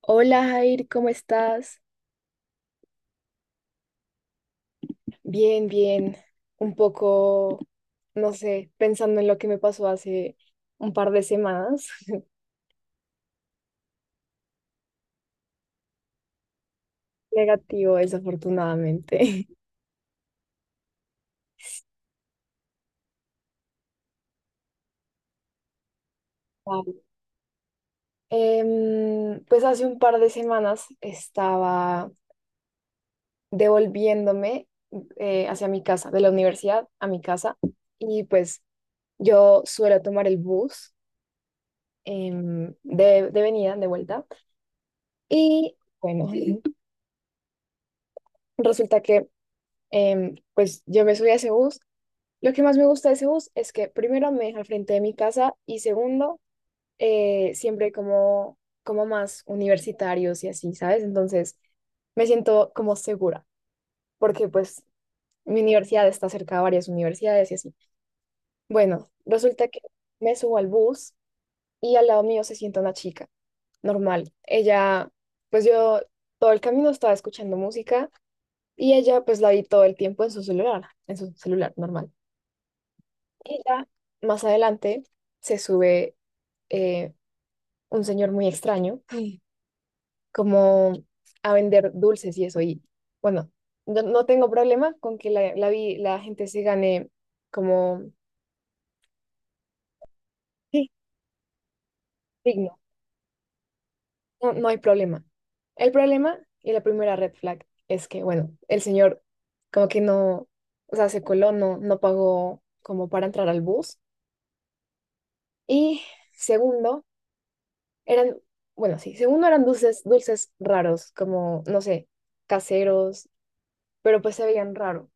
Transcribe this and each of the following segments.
Hola Jair, ¿cómo estás? Bien, bien. Un poco, no sé, pensando en lo que me pasó hace un par de semanas. Negativo, desafortunadamente. Wow. Pues hace un par de semanas estaba devolviéndome, hacia mi casa, de la universidad a mi casa, y pues yo suelo tomar el bus, de venida, de vuelta. Y bueno, resulta que, pues yo me subí a ese bus. Lo que más me gusta de ese bus es que, primero, me deja al frente de mi casa y, segundo, siempre hay como más universitarios y así, ¿sabes? Entonces me siento como segura porque pues mi universidad está cerca de varias universidades y así. Bueno, resulta que me subo al bus y al lado mío se sienta una chica, normal. Ella, pues yo todo el camino estaba escuchando música y ella pues la vi todo el tiempo en su celular, en su celular, normal. Y ya más adelante se sube, eh, un señor muy extraño, sí, como a vender dulces y eso. Y bueno, no no tengo problema con que la gente se gane, como, sí, digno. No, no hay problema. El problema y la primera red flag es que, bueno, el señor como que no, o sea, se coló, no pagó como para entrar al bus. Y segundo, eran, bueno, sí, según no eran dulces, dulces raros, como, no sé, caseros, pero pues se veían raro.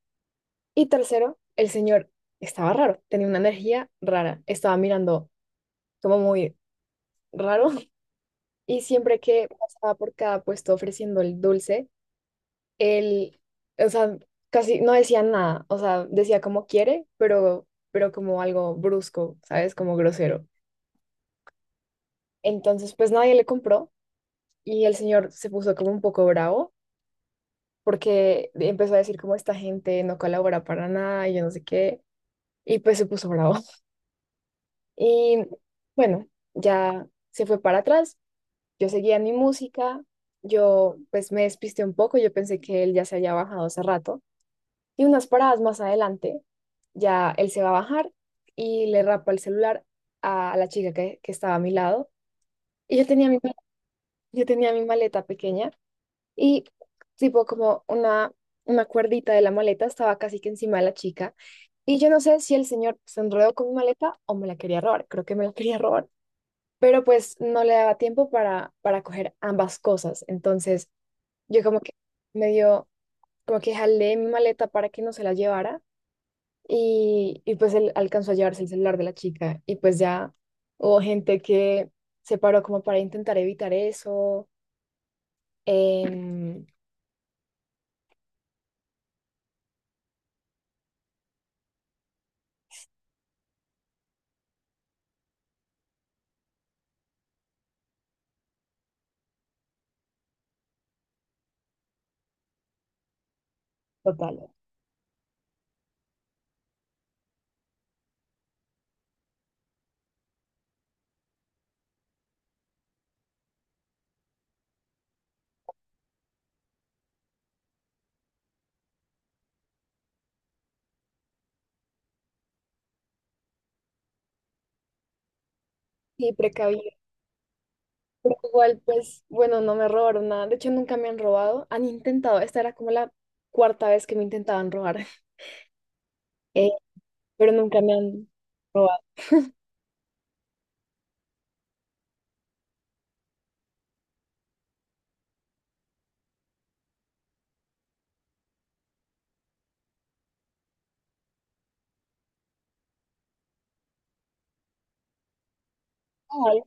Y tercero, el señor estaba raro, tenía una energía rara, estaba mirando como muy raro, y siempre que pasaba por cada puesto ofreciendo el dulce, él, o sea, casi no decía nada, o sea, decía como quiere, pero como algo brusco, ¿sabes? Como grosero. Entonces, pues nadie le compró y el señor se puso como un poco bravo porque empezó a decir como esta gente no colabora para nada y yo no sé qué, y pues se puso bravo. Y bueno, ya se fue para atrás, yo seguía en mi música, yo pues me despisté un poco, yo pensé que él ya se había bajado hace rato, y unas paradas más adelante, ya él se va a bajar y le rapa el celular a la chica que estaba a mi lado, y yo tenía mi maleta pequeña. Y tipo como una cuerdita de la maleta estaba casi que encima de la chica. Y yo no sé si el señor se enredó con mi maleta o me la quería robar. Creo que me la quería robar. Pero pues no le daba tiempo para coger ambas cosas. Entonces yo como que, medio, como que jalé mi maleta para que no se la llevara. Y pues él alcanzó a llevarse el celular de la chica. Y pues ya hubo gente que se paró como para intentar evitar eso. em, Total. Sí, precavido. Pero igual, pues, bueno, no me robaron nada. De hecho, nunca me han robado. Han intentado, esta era como la cuarta vez que me intentaban robar, eh, pero nunca me han robado. Ay,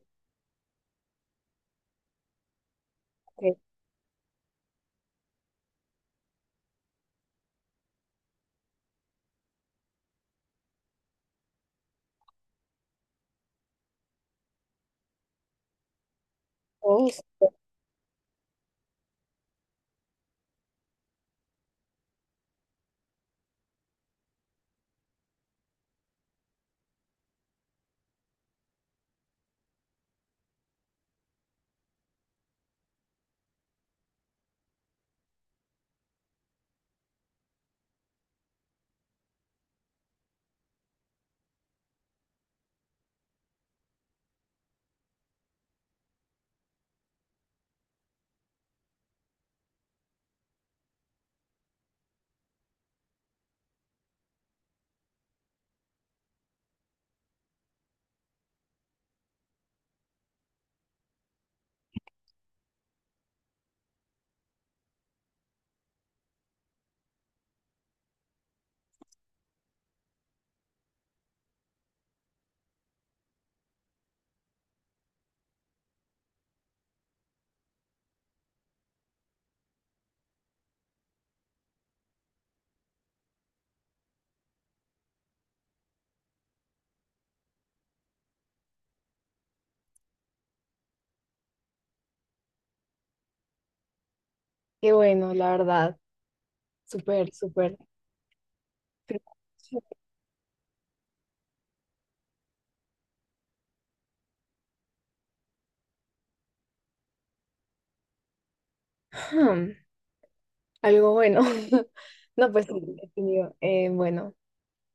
qué cosa. Qué bueno, la verdad. Súper, súper. Pero, ujú, algo bueno. No, pues sí, he tenido, bueno,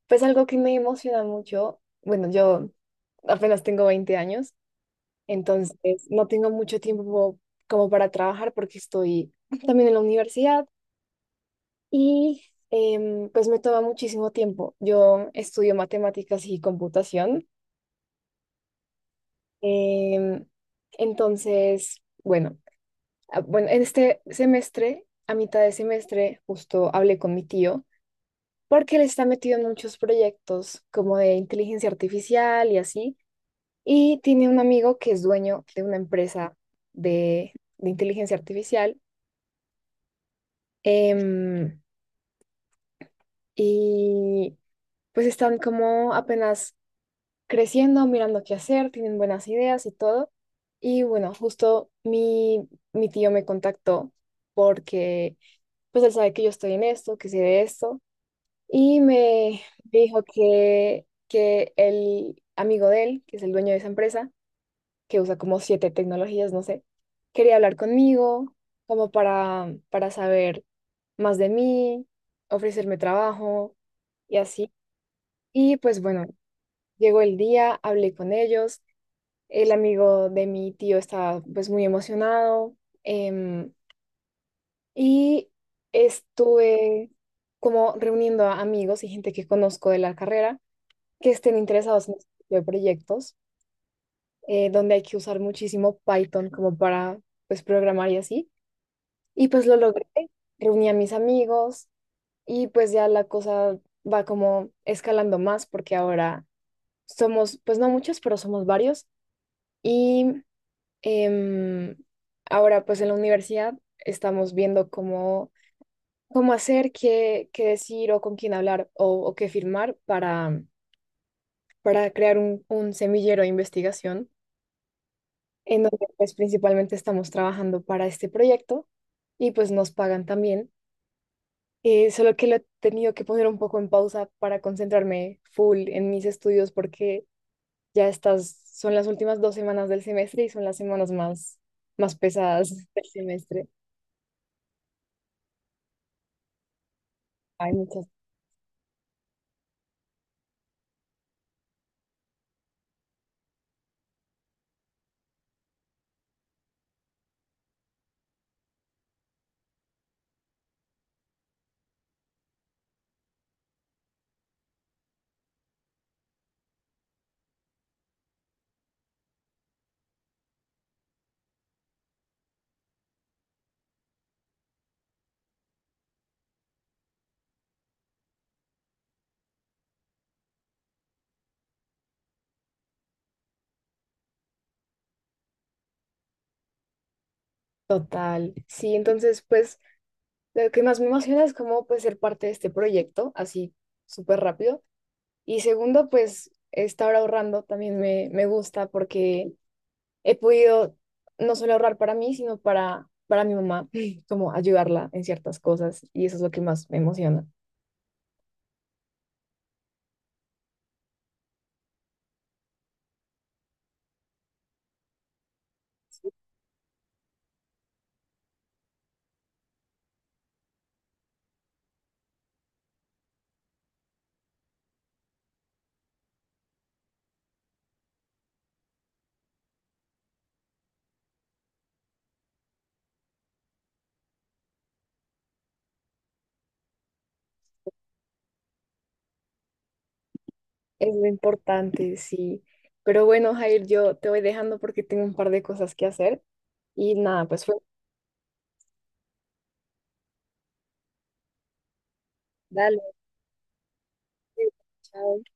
pues algo que me emociona mucho. Bueno, yo apenas tengo 20 años, entonces no tengo mucho tiempo como para trabajar porque estoy también en la universidad. Y pues me toma muchísimo tiempo. Yo estudio matemáticas y computación. em, entonces, bueno, bueno, en este semestre, a mitad de semestre, justo hablé con mi tío porque él está metido en muchos proyectos como de inteligencia artificial y así. Y tiene un amigo que es dueño de una empresa de inteligencia artificial. em, y pues están como apenas creciendo, mirando qué hacer, tienen buenas ideas y todo. Y bueno, justo mi tío me contactó porque pues él sabe que yo estoy en esto, que sé de esto, y me dijo que el amigo de él, que es el dueño de esa empresa, que usa como siete tecnologías, no sé, quería hablar conmigo como para saber más de mí, ofrecerme trabajo y así. Y pues bueno, llegó el día, hablé con ellos, el amigo de mi tío estaba pues muy emocionado, em, y estuve como reuniendo a amigos y gente que conozco de la carrera que estén interesados en este tipo de proyectos, donde hay que usar muchísimo Python como para pues programar y así. Y pues lo logré, reuní a mis amigos y pues ya la cosa va como escalando más porque ahora somos pues no muchos, pero somos varios. Y Em, ahora, pues en la universidad estamos viendo cómo, cómo hacer, qué, qué decir o con quién hablar o qué firmar para crear un semillero de investigación en donde pues principalmente estamos trabajando para este proyecto y pues nos pagan también. Solo que lo he tenido que poner un poco en pausa para concentrarme full en mis estudios porque ya estas son las últimas 2 semanas del semestre y son las semanas más pesadas del semestre. Hay muchas. Total, sí, entonces pues lo que más me emociona es cómo pues ser parte de este proyecto, así súper rápido. Y segundo, pues estar ahorrando también me gusta porque he podido no solo ahorrar para mí, sino para mi mamá, como ayudarla en ciertas cosas y eso es lo que más me emociona. Es lo importante, sí. Pero bueno, Jair, yo te voy dejando porque tengo un par de cosas que hacer y nada, pues fue, dale, chao.